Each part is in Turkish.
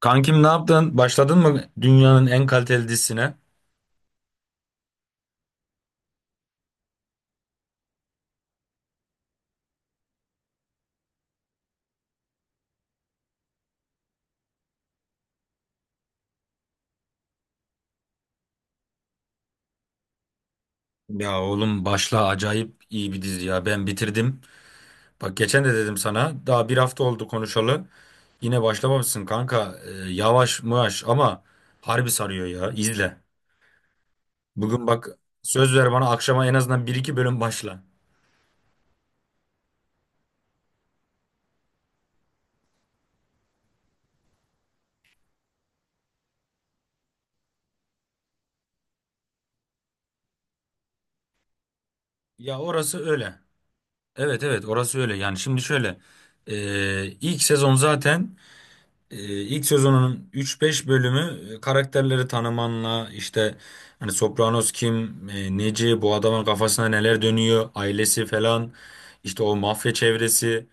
Kankim ne yaptın? Başladın mı dünyanın en kaliteli dizisine? Ya oğlum başla, acayip iyi bir dizi ya. Ben bitirdim. Bak geçen de dedim sana, daha bir hafta oldu konuşalı. Yine başlamamışsın kanka. Yavaş mıvaş ama harbi sarıyor ya. İzle. Bugün bak, söz ver bana, akşama en azından bir iki bölüm başla. Ya orası öyle. Evet, evet, orası öyle. Yani şimdi şöyle. İlk sezon zaten, Ee, ilk sezonunun 3-5 bölümü karakterleri tanımanla işte, hani Sopranos kim, neci, bu adamın kafasında neler dönüyor, ailesi falan, işte o mafya çevresi.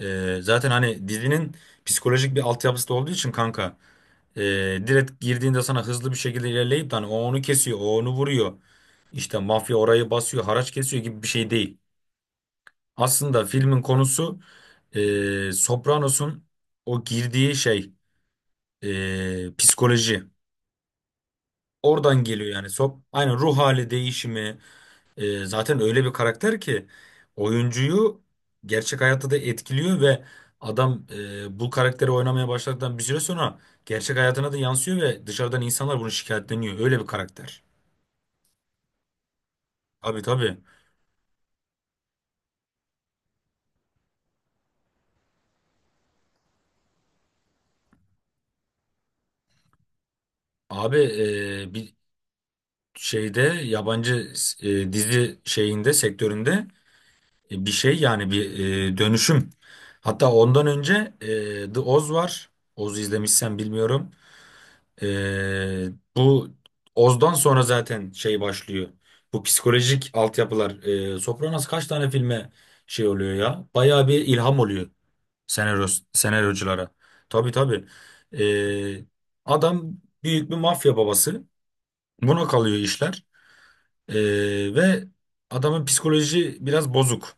Zaten hani dizinin psikolojik bir altyapısı da olduğu için kanka, e, direkt girdiğinde sana hızlı bir şekilde ilerleyip de hani o onu kesiyor, o onu vuruyor. İşte mafya orayı basıyor, haraç kesiyor gibi bir şey değil. Aslında filmin konusu, Sopranos'un o girdiği şey, psikoloji. Oradan geliyor yani. Aynen, ruh hali değişimi. Zaten öyle bir karakter ki, oyuncuyu gerçek hayatta da etkiliyor ve adam, bu karakteri oynamaya başladıktan bir süre sonra gerçek hayatına da yansıyor ve dışarıdan insanlar bunu şikayetleniyor. Öyle bir karakter. Tabii, tabii. Abi, bir şeyde, yabancı dizi şeyinde, sektöründe, bir şey yani bir dönüşüm. Hatta ondan önce The Oz var. Oz'u izlemişsen bilmiyorum. E, Bu Oz'dan sonra zaten şey başlıyor. Bu psikolojik altyapılar. Sopranos kaç tane filme şey oluyor ya? Bayağı bir ilham oluyor senaryo, senaryoculara. Tabii, tabii. E, Adam büyük bir mafya babası. Buna kalıyor işler. E, ve adamın psikoloji biraz bozuk.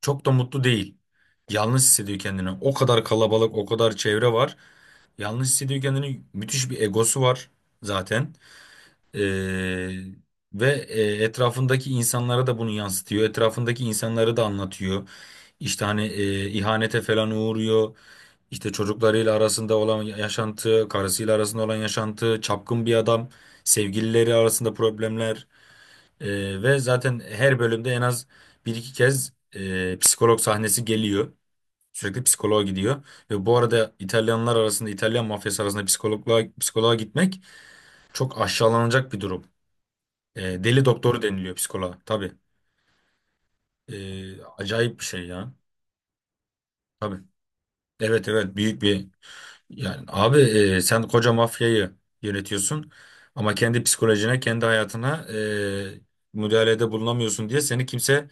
Çok da mutlu değil. Yalnız hissediyor kendini. O kadar kalabalık, o kadar çevre var. Yalnız hissediyor kendini. Müthiş bir egosu var zaten. Ee, ve etrafındaki insanlara da bunu yansıtıyor. Etrafındaki insanları da anlatıyor. İşte hani ihanete falan uğruyor. İşte çocuklarıyla arasında olan yaşantı, karısıyla arasında olan yaşantı, çapkın bir adam, sevgilileri arasında problemler. Ve zaten her bölümde en az bir iki kez psikolog sahnesi geliyor. Sürekli psikoloğa gidiyor. Ve bu arada İtalyanlar arasında, İtalyan mafyası arasında psikoloğa, psikoloğa gitmek çok aşağılanacak bir durum. Deli doktoru deniliyor psikoloğa. Tabii. Acayip bir şey ya. Tabii. Evet, evet, büyük bir yani, abi, sen koca mafyayı yönetiyorsun ama kendi psikolojine, kendi hayatına e, müdahalede bulunamıyorsun diye, seni kimse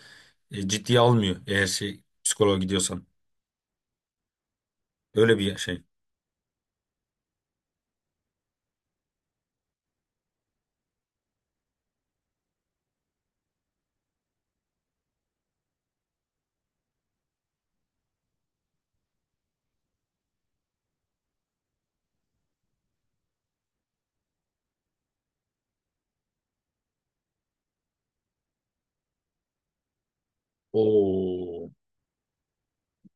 ciddiye almıyor eğer şey psikoloğa gidiyorsan. Öyle bir şey. Oo.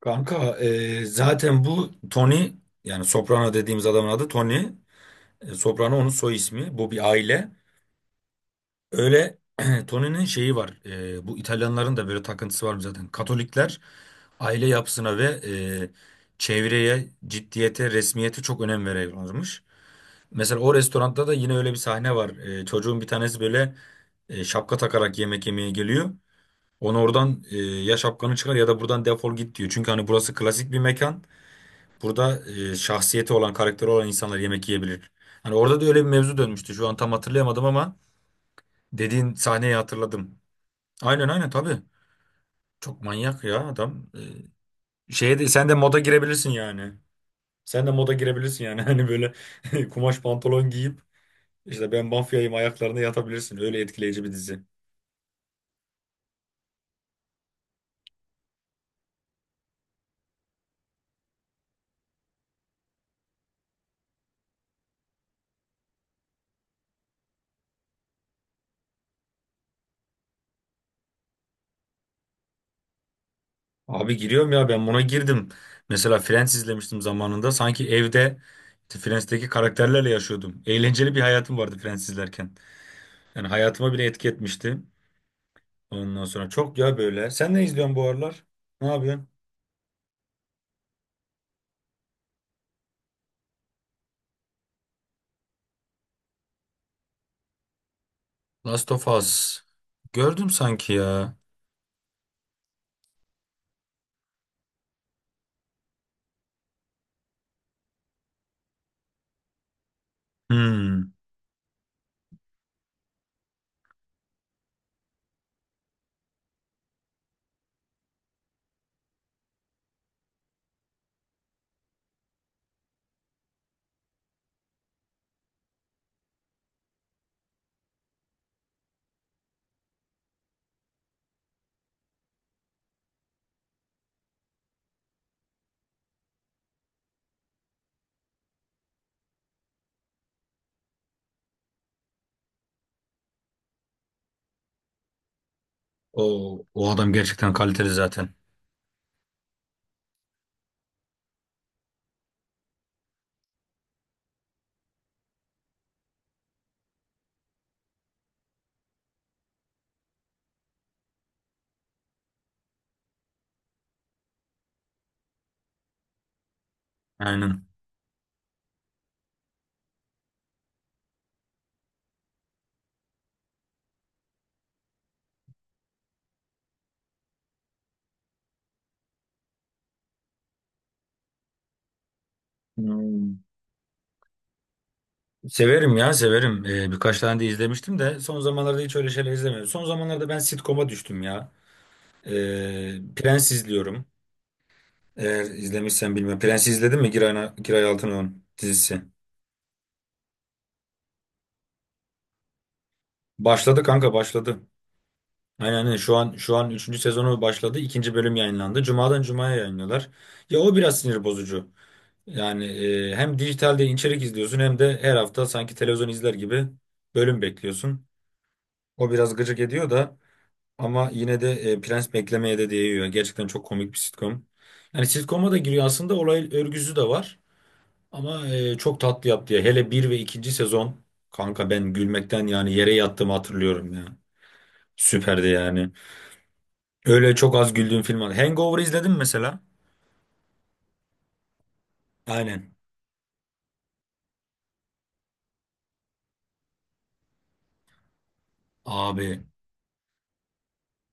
Kanka, zaten bu Tony, yani Soprano dediğimiz adamın adı Tony. Soprano onun soy ismi. Bu bir aile. Öyle Tony'nin şeyi var. Bu İtalyanların da böyle takıntısı var zaten. Katolikler aile yapısına ve e, çevreye, ciddiyete, resmiyete çok önem veriyorlarmış. Mesela o restoranda da yine öyle bir sahne var. Çocuğun bir tanesi böyle şapka takarak yemek yemeye geliyor. Onu oradan, ya şapkanı çıkar ya da buradan defol git, diyor. Çünkü hani burası klasik bir mekan. Burada şahsiyeti olan, karakteri olan insanlar yemek yiyebilir. Hani orada da öyle bir mevzu dönmüştü. Şu an tam hatırlayamadım ama dediğin sahneyi hatırladım. Aynen, aynen, tabii. Çok manyak ya adam. Şeye de, sen de moda girebilirsin yani. Sen de moda girebilirsin yani. Hani böyle kumaş pantolon giyip işte, ben mafyayım ayaklarına yatabilirsin. Öyle etkileyici bir dizi. Abi giriyorum ya, ben buna girdim. Mesela Friends izlemiştim zamanında. Sanki evde işte Friends'teki karakterlerle yaşıyordum. Eğlenceli bir hayatım vardı Friends izlerken. Yani hayatıma bile etki etmişti. Ondan sonra çok ya böyle. Sen ne izliyorsun bu aralar? Ne yapıyorsun? Last of Us. Gördüm sanki ya. Hmm. O adam gerçekten kaliteli zaten. Aynen. Hmm. Severim ya, severim. Birkaç tane de izlemiştim de son zamanlarda hiç öyle şeyler izlemiyorum. Son zamanlarda ben sitcom'a düştüm ya. Prens izliyorum. Eğer izlemişsen bilmiyorum. Prens izledin mi, Giray Altınok'un dizisi? Başladı kanka, başladı. Aynen, aynen. Şu an üçüncü sezonu başladı. İkinci bölüm yayınlandı. Cuma'dan Cuma'ya yayınlıyorlar. Ya o biraz sinir bozucu. Yani hem dijitalde içerik izliyorsun, hem de her hafta sanki televizyon izler gibi bölüm bekliyorsun. O biraz gıcık ediyor da, ama yine de Prens beklemeye de değiyor. Gerçekten çok komik bir sitcom. Yani sitcom'a da giriyor, aslında olay örgüsü de var. Ama çok tatlı yaptı ya. Hele bir ve ikinci sezon kanka, ben gülmekten yani yere yattığımı hatırlıyorum ya. Süperdi yani. Öyle çok az güldüğüm film var. Hangover izledim mesela? Aynen. Abi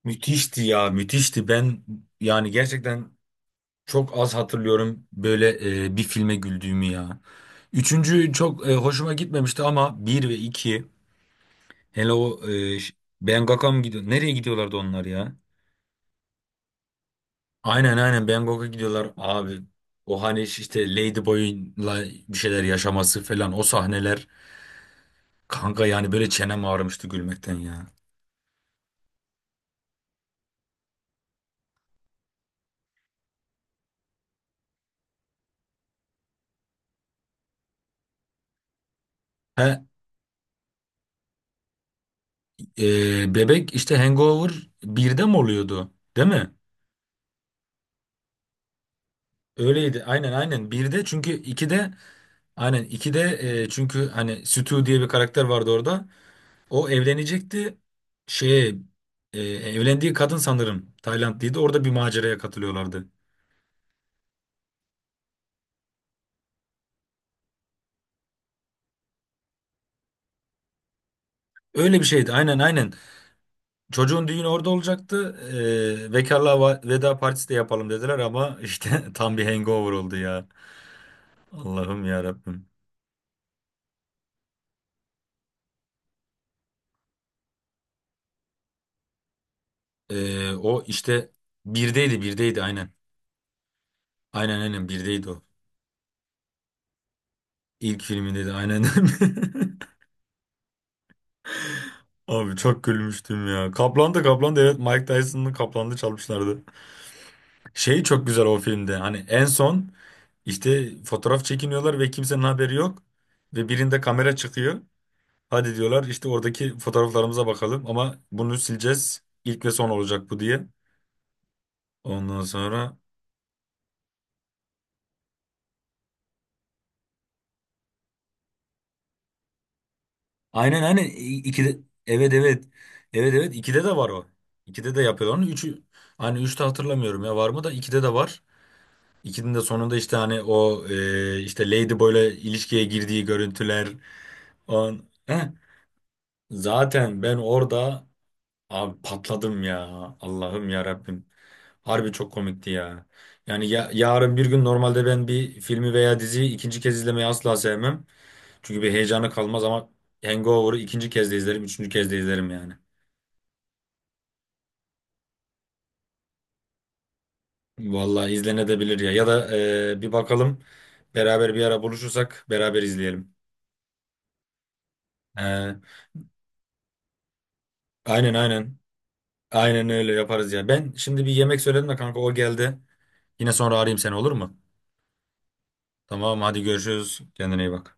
müthişti ya, müthişti. Ben yani gerçekten çok az hatırlıyorum böyle bir filme güldüğümü ya. Üçüncü çok hoşuma gitmemişti ama bir ve iki. Hele o Bangkok'a mı gidiyor? Nereye gidiyorlardı onlar ya? Aynen, aynen, Bangkok'a gidiyorlar abi. O hani işte Ladyboy'la bir şeyler yaşaması falan, o sahneler. Kanka yani böyle çenem ağrımıştı gülmekten ya. He, bebek işte, Hangover birde mi oluyordu? Değil mi? Öyleydi. Aynen, aynen. Birde çünkü 2'de, aynen 2'de, çünkü hani Stu diye bir karakter vardı orada. O evlenecekti. Şeye, evlendiği kadın sanırım Taylandlıydı. Orada bir maceraya katılıyorlardı. Öyle bir şeydi. Aynen, aynen. Çocuğun düğünü orada olacaktı. Bekarlığa veda partisi de yapalım dediler, ama işte tam bir hangover oldu ya. Allah'ım ya Rabbim. O işte birdeydi, birdeydi, aynen. Aynen, aynen, birdeydi o. İlk filminde de aynen. Abi çok gülmüştüm ya. Kaplan da, Kaplan da, evet, Mike Tyson'ın Kaplan'da çalmışlardı. Şey çok güzel o filmde. Hani en son işte fotoğraf çekiniyorlar ve kimsenin haberi yok. Ve birinde kamera çıkıyor. Hadi diyorlar işte, oradaki fotoğraflarımıza bakalım ama bunu sileceğiz. İlk ve son olacak bu diye. Ondan sonra, aynen, aynen. İkide, evet, evet. Evet, evet. İkide de var o. İkide de yapıyorlar onu. Hani üçte hatırlamıyorum ya var mı, da ikide de var. İkinin de sonunda işte, hani o işte Ladyboy'la ilişkiye girdiği görüntüler. Heh. Zaten ben orada abi patladım ya. Allah'ım ya Rabbim. Harbi çok komikti ya. Yani ya, yarın bir gün normalde ben bir filmi veya diziyi ikinci kez izlemeyi asla sevmem. Çünkü bir heyecanı kalmaz, ama Hangover'ı ikinci kez de izlerim, üçüncü kez de izlerim yani. Vallahi izlenebilir ya. Ya da bir bakalım, beraber bir ara buluşursak beraber izleyelim. E, aynen, aynen. Aynen öyle yaparız ya. Ben şimdi bir yemek söyledim de kanka, o geldi. Yine sonra arayayım seni, olur mu? Tamam, hadi görüşürüz. Kendine iyi bak.